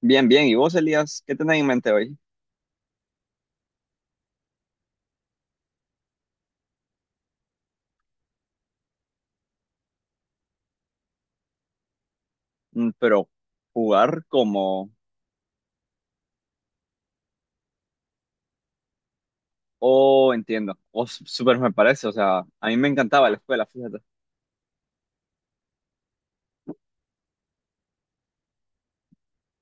Bien, bien. ¿Y vos, Elías, qué tenés en mente hoy? Pero jugar como. Oh, entiendo. Oh, súper me parece. O sea, a mí me encantaba la escuela, fíjate.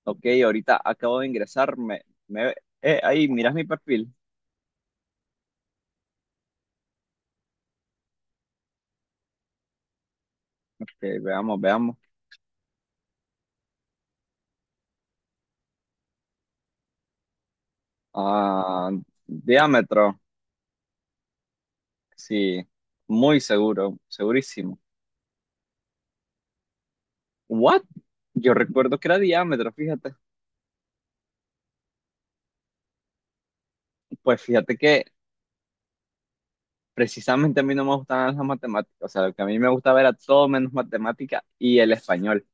Ok, ahorita acabo de ingresar. Me- ahí, mirás mi perfil. Que veamos, veamos. Ah, diámetro. Sí, muy seguro, segurísimo. ¿What? Yo recuerdo que era diámetro, fíjate. Pues fíjate que precisamente a mí no me gustaban las matemáticas. O sea, lo que a mí me gustaba era todo menos matemática y el español.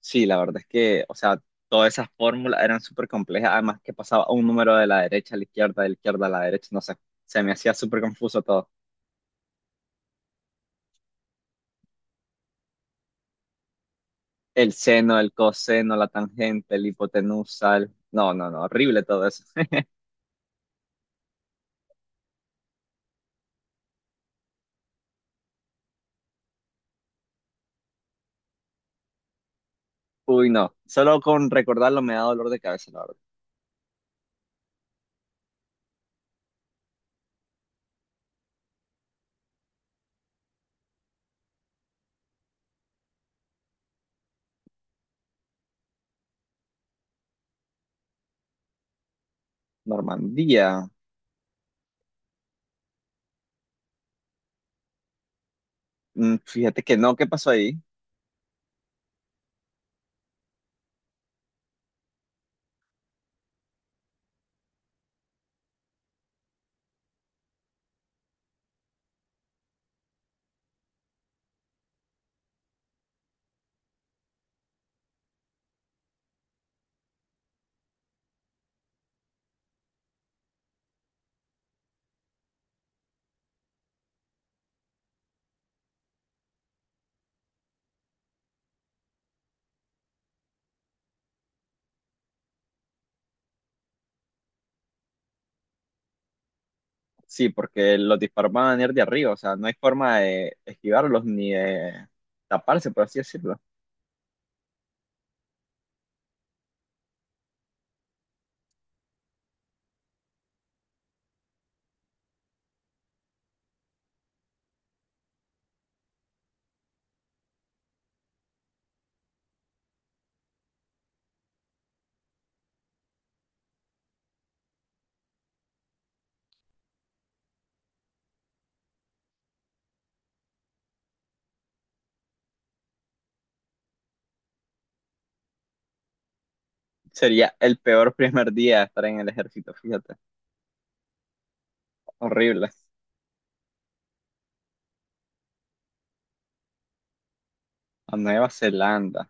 Sí, la verdad es que, o sea, todas esas fórmulas eran súper complejas, además que pasaba un número de la derecha a la izquierda, de la izquierda a la derecha, no sé, se me hacía súper confuso todo. El seno, el coseno, la tangente, el hipotenusa, no, no, no, horrible todo eso. Uy, no, solo con recordarlo me da dolor de cabeza, la verdad. Normandía, fíjate que no, ¿qué pasó ahí? Sí, porque los disparos van a venir de arriba, o sea, no hay forma de esquivarlos ni de taparse, por así decirlo. Sería el peor primer día de estar en el ejército, fíjate. Horrible. A Nueva Zelanda.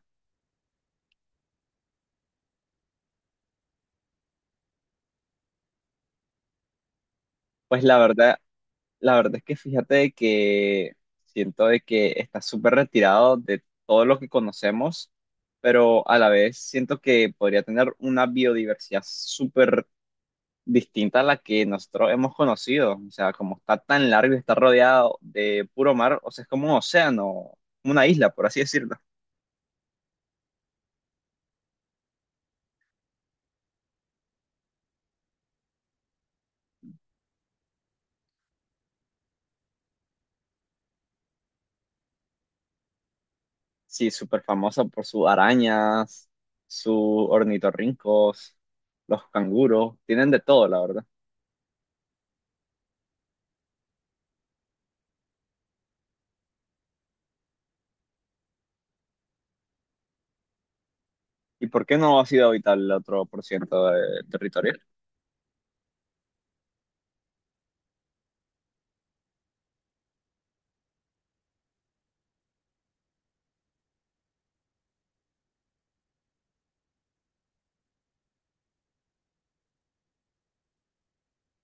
Pues la verdad es que fíjate de que siento de que está súper retirado de todo lo que conocemos, pero a la vez siento que podría tener una biodiversidad súper distinta a la que nosotros hemos conocido. O sea, como está tan largo y está rodeado de puro mar, o sea, es como un océano, una isla, por así decirlo. Sí, súper famosa por sus arañas, sus ornitorrincos, los canguros, tienen de todo, la verdad. ¿Y por qué no ha sido habitable el otro por ciento de territorio?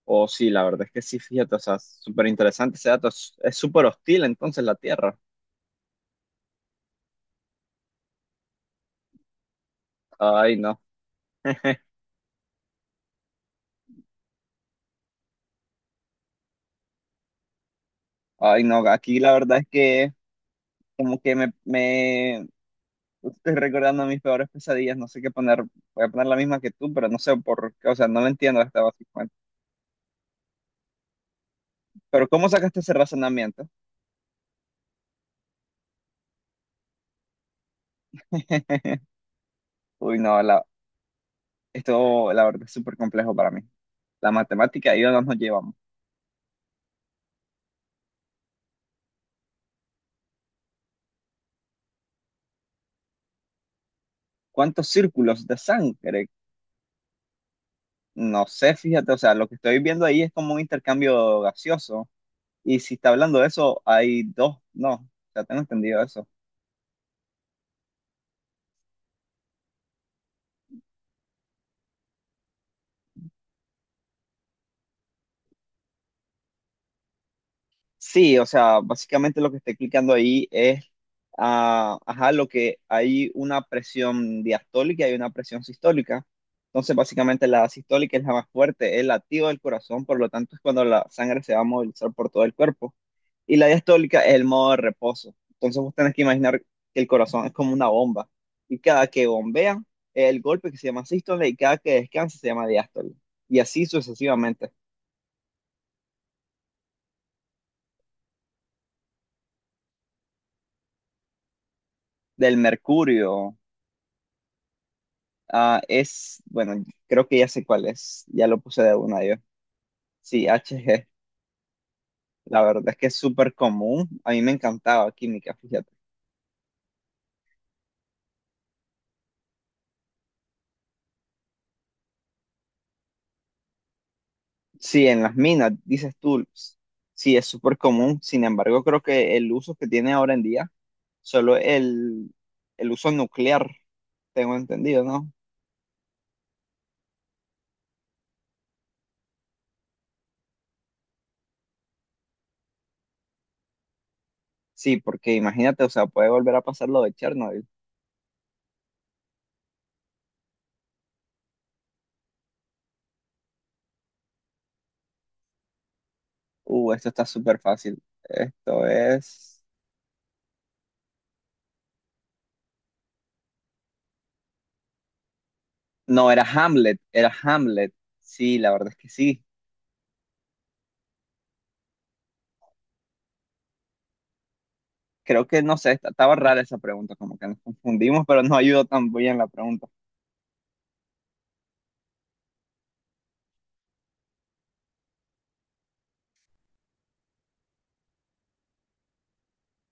O sí, la verdad es que sí, fíjate, o sea, súper interesante ese dato. Es súper hostil entonces la Tierra. Ay, no. Ay, no, aquí la verdad es que como que me estoy recordando mis peores pesadillas, no sé qué poner, voy a poner la misma que tú, pero no sé por qué, o sea, no lo entiendo hasta básicamente. Pero ¿cómo sacaste ese razonamiento? Uy, no, esto la verdad es súper complejo para mí. La matemática y yo no nos llevamos. ¿Cuántos círculos de sangre? No sé, fíjate, o sea, lo que estoy viendo ahí es como un intercambio gaseoso. Y si está hablando de eso, hay dos, no, ya tengo entendido eso. Sí, o sea, básicamente lo que está explicando ahí es, ajá, lo que hay una presión diastólica y hay una presión sistólica. Entonces, básicamente la sistólica es la más fuerte, es la activa del corazón, por lo tanto es cuando la sangre se va a movilizar por todo el cuerpo. Y la diastólica es el modo de reposo. Entonces, vos tenés que imaginar que el corazón es como una bomba. Y cada que bombea, es el golpe que se llama sístole y cada que descansa se llama diástole. Y así sucesivamente. Del mercurio. Ah, bueno, creo que ya sé cuál es, ya lo puse de una yo. Sí, HG, la verdad es que es súper común, a mí me encantaba química, fíjate. Sí, en las minas, dices tú, sí, es súper común, sin embargo, creo que el uso que tiene ahora en día, solo el uso nuclear, tengo entendido, ¿no? Sí, porque imagínate, o sea, puede volver a pasar lo de Chernobyl. Esto está súper fácil. Esto es. No, era Hamlet, era Hamlet. Sí, la verdad es que sí. Creo que no sé, estaba rara esa pregunta, como que nos confundimos, pero no ayudó tan bien la pregunta.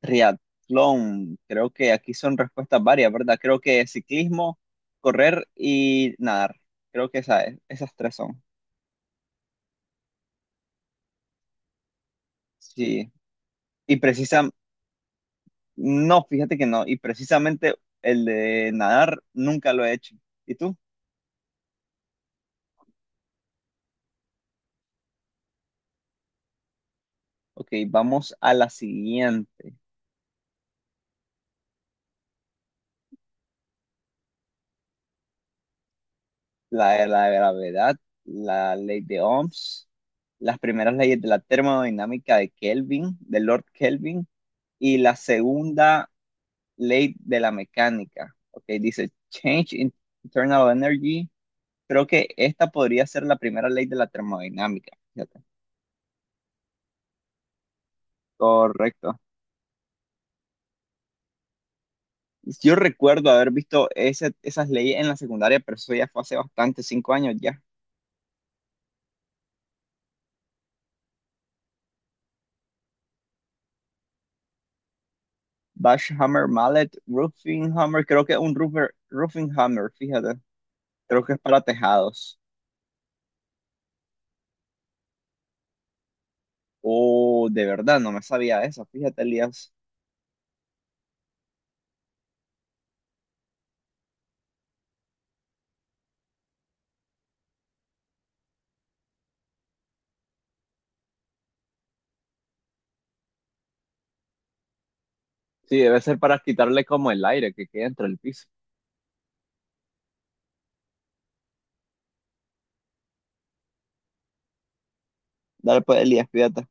Triatlón, creo que aquí son respuestas varias, ¿verdad? Creo que ciclismo, correr y nadar. Creo que esas tres son. Sí. Y precisa, no, fíjate que no. Y precisamente el de nadar nunca lo he hecho. ¿Y tú? Ok, vamos a la siguiente. La de la gravedad, la ley de Ohms, las primeras leyes de la termodinámica de Kelvin, de Lord Kelvin, y la segunda ley de la mecánica. Ok, dice Change in Internal Energy. Creo que esta podría ser la primera ley de la termodinámica. Fíjate. Correcto. Yo recuerdo haber visto esas leyes en la secundaria, pero eso ya fue hace bastante, 5 años ya. Bash Hammer, Mallet, Roofing Hammer, creo que un roofer, Roofing Hammer, fíjate. Creo que es para tejados. Oh, de verdad, no me sabía eso. Fíjate, Elías. Sí, debe ser para quitarle como el aire que queda entre el piso. Dale pues, Elías, cuídate.